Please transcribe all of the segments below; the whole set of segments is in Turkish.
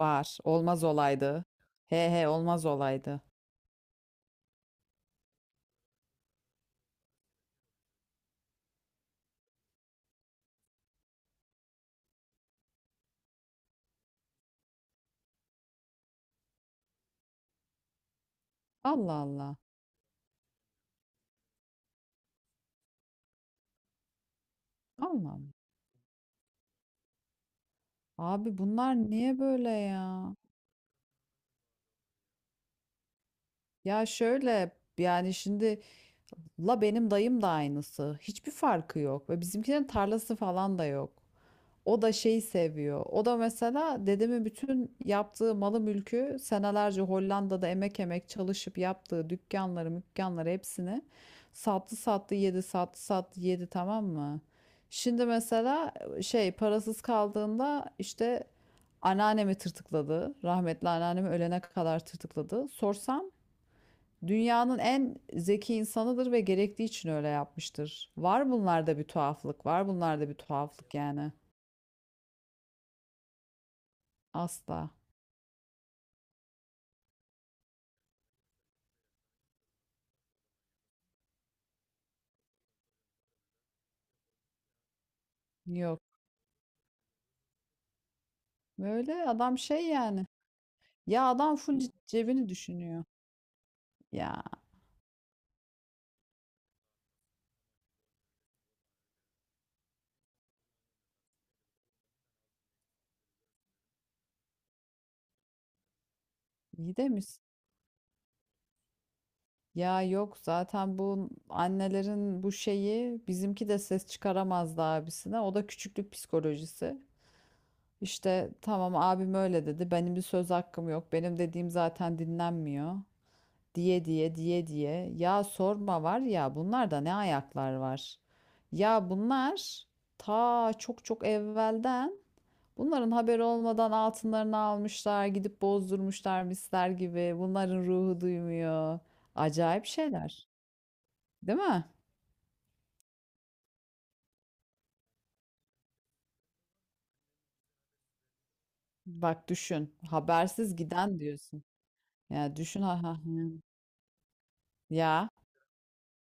Var. Olmaz olaydı. He he olmaz olaydı. Allah Allah. Allah Allah. Abi bunlar niye böyle ya? Ya şöyle yani şimdi la benim dayım da aynısı. Hiçbir farkı yok. Ve bizimkilerin tarlası falan da yok. O da şeyi seviyor. O da mesela dedemin bütün yaptığı malı mülkü senelerce Hollanda'da emek emek çalışıp yaptığı dükkanları, mükkanları hepsini sattı sattı yedi, sattı sattı yedi tamam mı? Şimdi mesela şey parasız kaldığında işte anneannemi tırtıkladı. Rahmetli anneannemi ölene kadar tırtıkladı. Sorsam dünyanın en zeki insanıdır ve gerektiği için öyle yapmıştır. Var bunlarda bir tuhaflık, var bunlarda bir tuhaflık yani. Asla. Yok. Böyle adam şey yani. Ya adam full cebini düşünüyor. Ya iyi demiş. Ya yok zaten bu annelerin bu şeyi bizimki de ses çıkaramazdı abisine. O da küçüklük psikolojisi. İşte tamam abim öyle dedi. Benim bir söz hakkım yok. Benim dediğim zaten dinlenmiyor. Diye diye diye diye. Ya sorma var ya bunlarda ne ayaklar var. Ya bunlar ta çok çok evvelden bunların haberi olmadan altınlarını almışlar, gidip bozdurmuşlar misler gibi. Bunların ruhu duymuyor. Acayip şeyler, değil mi? Bak düşün, habersiz giden diyorsun. Ya düşün ha ha. Ha. Ya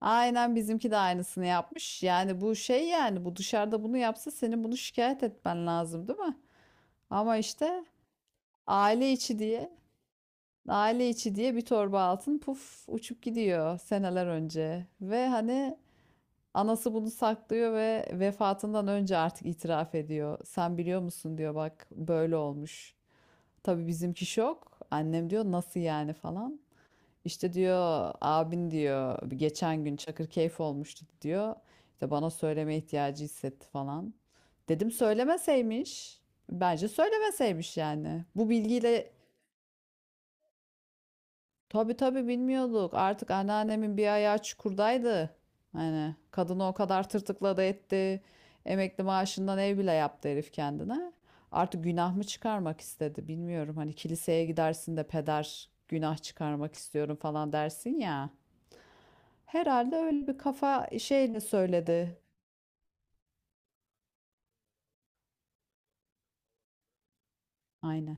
aynen bizimki de aynısını yapmış. Yani bu şey yani bu dışarıda bunu yapsa senin bunu şikayet etmen lazım, değil mi? Ama işte aile içi diye. Aile içi diye bir torba altın puf uçup gidiyor seneler önce. Ve hani anası bunu saklıyor ve vefatından önce artık itiraf ediyor. Sen biliyor musun diyor, bak böyle olmuş. Tabii bizimki şok. Annem diyor nasıl yani falan. İşte diyor abin diyor geçen gün Çakırkeyf olmuştu diyor. İşte bana söyleme ihtiyacı hissetti falan. Dedim söylemeseymiş. Bence söylemeseymiş yani. Bu bilgiyle. Tabii tabii bilmiyorduk. Artık anneannemin bir ayağı çukurdaydı. Hani kadını o kadar tırtıkladı etti. Emekli maaşından ev bile yaptı herif kendine. Artık günah mı çıkarmak istedi bilmiyorum. Hani kiliseye gidersin de peder günah çıkarmak istiyorum falan dersin ya. Herhalde öyle bir kafa şeyle söyledi. Aynen.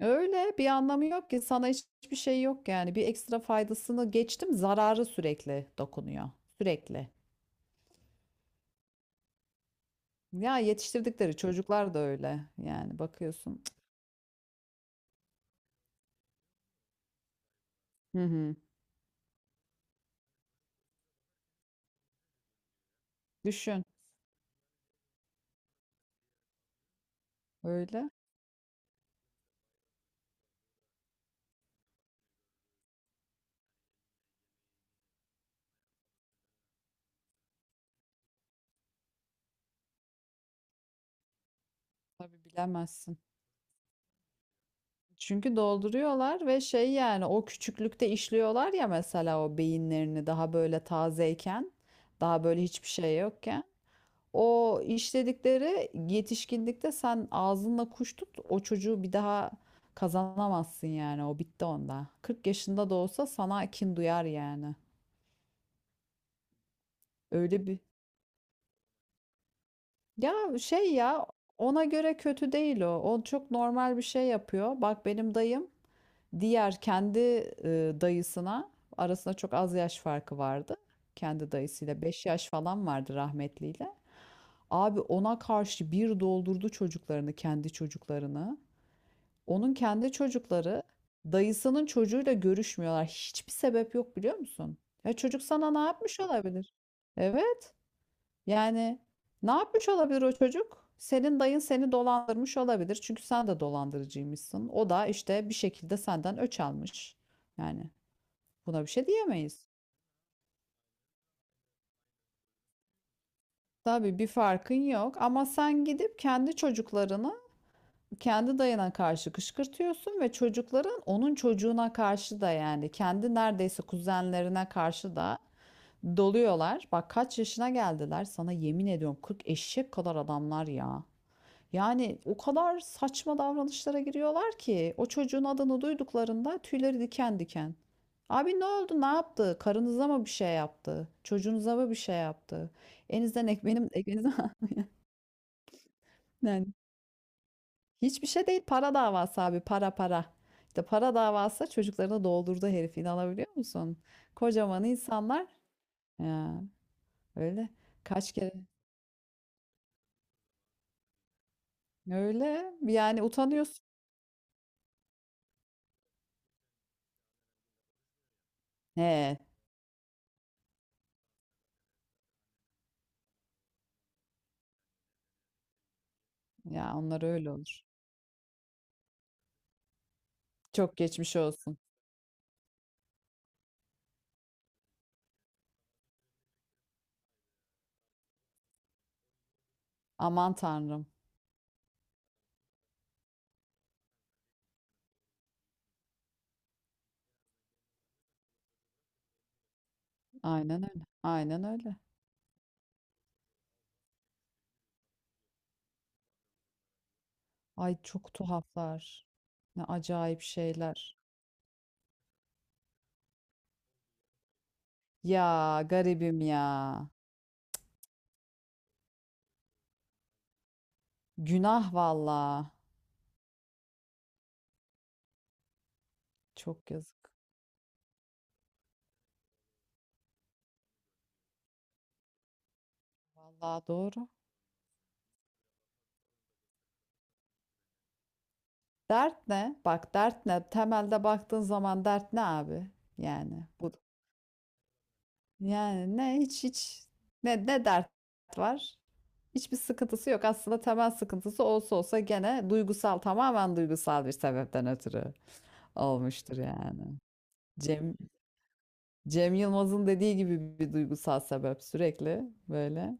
Öyle bir anlamı yok ki sana hiçbir şey yok yani. Bir ekstra faydasını geçtim, zararı sürekli dokunuyor. Sürekli. Ya yetiştirdikleri çocuklar da öyle. Yani bakıyorsun. Hı hı. Düşün. Öyle. Tabii bilemezsin. Çünkü dolduruyorlar ve şey yani o küçüklükte işliyorlar ya mesela o beyinlerini daha böyle tazeyken, daha böyle hiçbir şey yokken. O işledikleri yetişkinlikte sen ağzınla kuş tut, o çocuğu bir daha kazanamazsın yani, o bitti onda. 40 yaşında da olsa sana kin duyar yani. Öyle bir. Ya şey ya ona göre kötü değil o. O çok normal bir şey yapıyor. Bak benim dayım, diğer kendi dayısına arasında çok az yaş farkı vardı. Kendi dayısıyla 5 yaş falan vardı rahmetliyle. Abi ona karşı bir doldurdu çocuklarını, kendi çocuklarını. Onun kendi çocukları dayısının çocuğuyla görüşmüyorlar. Hiçbir sebep yok biliyor musun? Ya çocuk sana ne yapmış olabilir? Evet. Yani ne yapmış olabilir o çocuk? Senin dayın seni dolandırmış olabilir. Çünkü sen de dolandırıcıymışsın. O da işte bir şekilde senden öç almış. Yani buna bir şey diyemeyiz. Tabii bir farkın yok, ama sen gidip kendi çocuklarını kendi dayına karşı kışkırtıyorsun ve çocukların onun çocuğuna karşı da yani kendi neredeyse kuzenlerine karşı da doluyorlar. Bak kaç yaşına geldiler, sana yemin ediyorum 40 eşek kadar adamlar ya. Yani o kadar saçma davranışlara giriyorlar ki o çocuğun adını duyduklarında tüyleri diken diken. Abi ne oldu? Ne yaptı? Karınıza mı bir şey yaptı? Çocuğunuza mı bir şey yaptı? Elinizden ekmeğim elinizden yani hiçbir şey değil, para davası abi, para para. İşte para davası, çocuklarını doldurdu herif, inanabiliyor musun? Kocaman insanlar ya, öyle kaç kere, öyle yani utanıyorsun. He, ya onlar öyle olur. Çok geçmiş olsun. Aman tanrım. Aynen öyle. Aynen öyle. Ay çok tuhaflar. Ne acayip şeyler. Ya garibim ya. Günah valla. Çok yazık. Valla doğru. Dert ne? Bak dert ne? Temelde baktığın zaman dert ne abi? Yani bu. Yani ne hiç ne dert var? Hiçbir sıkıntısı yok. Aslında temel sıkıntısı olsa olsa gene duygusal, tamamen duygusal bir sebepten ötürü olmuştur yani. Cem Cem Yılmaz'ın dediği gibi bir duygusal sebep sürekli böyle.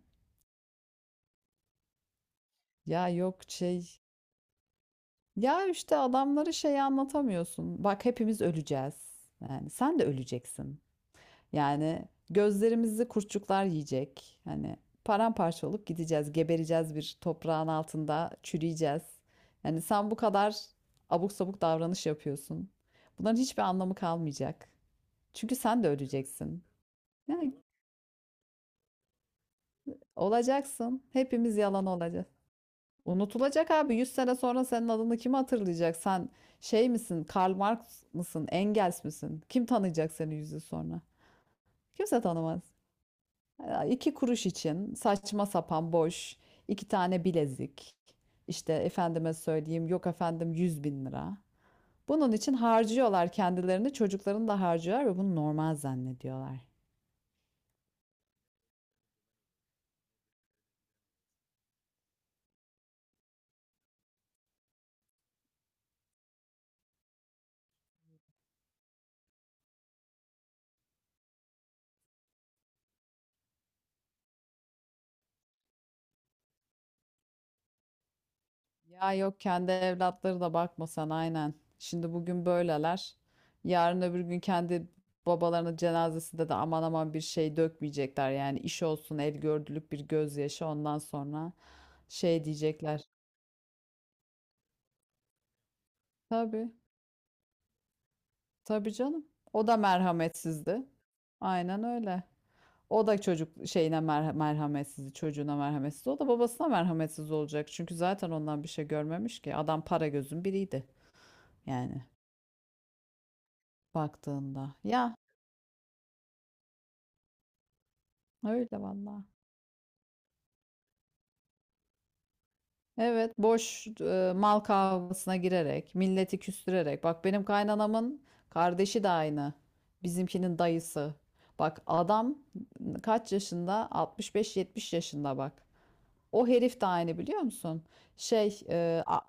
Ya yok şey. Ya işte adamları şey anlatamıyorsun. Bak hepimiz öleceğiz. Yani sen de öleceksin. Yani gözlerimizi kurtçuklar yiyecek. Hani paramparça olup gideceğiz, gebereceğiz bir toprağın altında, çürüyeceğiz. Yani sen bu kadar abuk sabuk davranış yapıyorsun. Bunların hiçbir anlamı kalmayacak. Çünkü sen de öleceksin. Yani olacaksın. Hepimiz yalan olacağız. Unutulacak abi. 100 sene sonra senin adını kim hatırlayacak? Sen şey misin? Karl Marx mısın? Engels misin? Kim tanıyacak seni 100 yıl sonra? Kimse tanımaz. Ya İki kuruş için saçma sapan boş, iki tane bilezik. İşte efendime söyleyeyim, yok efendim 100 bin lira. Bunun için harcıyorlar kendilerini, çocuklarını da harcıyorlar ve bunu normal zannediyorlar. Ya yok, kendi evlatları da bakma sen, aynen. Şimdi bugün böyleler. Yarın öbür gün kendi babalarının cenazesinde de aman aman bir şey dökmeyecekler. Yani iş olsun el gördülük bir gözyaşı, ondan sonra şey diyecekler. Tabii tabii canım. O da merhametsizdi. Aynen öyle. O da çocuk şeyine merhametsizdi, çocuğuna merhametsiz. O da babasına merhametsiz olacak. Çünkü zaten ondan bir şey görmemiş ki. Adam para gözün biriydi. Yani baktığında. Ya öyle valla. Evet, boş mal kavgasına girerek, milleti küstürerek. Bak benim kaynanamın kardeşi de aynı. Bizimkinin dayısı. Bak adam kaç yaşında? 65-70 yaşında bak. O herif de aynı biliyor musun? Şey,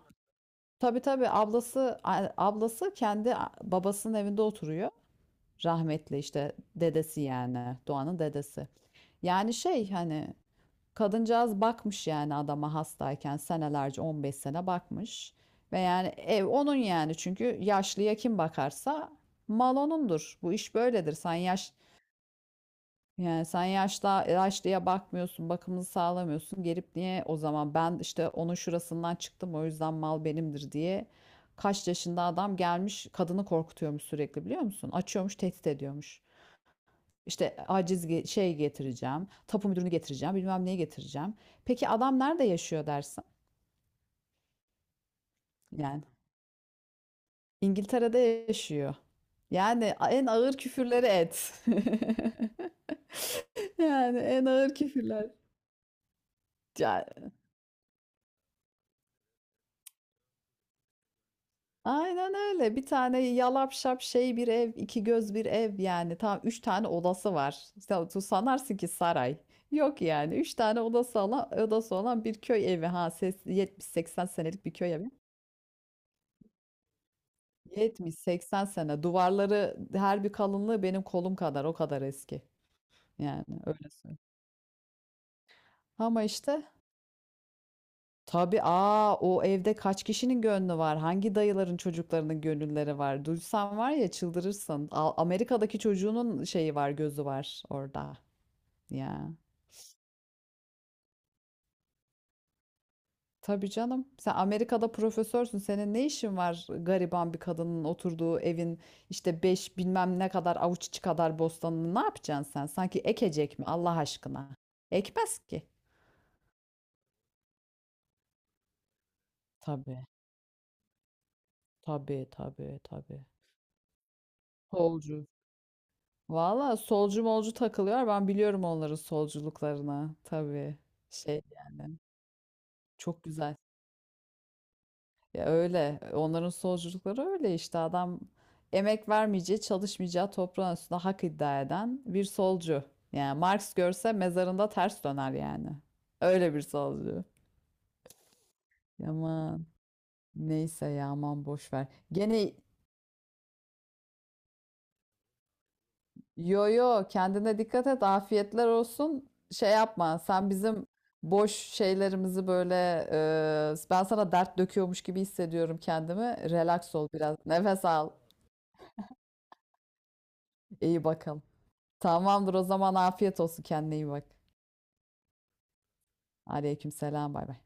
tabii tabii ablası ablası kendi babasının evinde oturuyor. Rahmetli işte dedesi, yani Doğan'ın dedesi. Yani şey hani. Kadıncağız bakmış yani adama, hastayken senelerce 15 sene bakmış. Ve yani ev onun yani, çünkü yaşlıya kim bakarsa mal onundur. Bu iş böyledir. Sen yaş, yani sen yaşta yaşlıya bakmıyorsun, bakımını sağlamıyorsun. Gelip niye o zaman ben işte onun şurasından çıktım o yüzden mal benimdir diye, kaç yaşında adam gelmiş kadını korkutuyormuş sürekli, biliyor musun? Açıyormuş, tehdit ediyormuş. İşte aciz şey getireceğim, tapu müdürünü getireceğim, bilmem neyi getireceğim. Peki adam nerede yaşıyor dersin? Yani İngiltere'de yaşıyor. Yani en ağır küfürleri et. Yani en ağır küfürler. Ya, aynen öyle. Bir tane yalap şap şey bir ev, iki göz bir ev yani. Tam üç tane odası var. Sen, sanarsın ki saray. Yok yani. Üç tane odası olan, odası olan bir köy evi. Ha ses 70-80 senelik bir köy evi. 70-80 sene. Duvarları, her bir kalınlığı benim kolum kadar. O kadar eski. Yani öyle söyleyeyim. Ama işte tabii o evde kaç kişinin gönlü var? Hangi dayıların çocuklarının gönülleri var? Duysan var ya çıldırırsın. Amerika'daki çocuğunun şeyi var, gözü var orada. Ya. Tabii canım. Sen Amerika'da profesörsün. Senin ne işin var gariban bir kadının oturduğu evin işte beş bilmem ne kadar avuç içi kadar bostanını, ne yapacaksın sen? Sanki ekecek mi Allah aşkına? Ekmez ki. Tabii. Tabii tabii tabii. Solcu. Valla solcu molcu takılıyor. Ben biliyorum onların solculuklarını. Tabii. Şey yani. Çok güzel. Ya öyle. Onların solculukları öyle işte. Adam emek vermeyeceği, çalışmayacağı toprağın üstünde hak iddia eden bir solcu. Yani Marx görse mezarında ters döner yani. Öyle bir solcu. Yaman. Neyse ya aman boş ver. Gene. Yo yo, kendine dikkat et. Afiyetler olsun. Şey yapma. Sen bizim boş şeylerimizi böyle ben sana dert döküyormuş gibi hissediyorum kendimi. Relax ol biraz. Nefes al. İyi bakalım. Tamamdır o zaman, afiyet olsun, kendine iyi bak. Aleykümselam bay bay.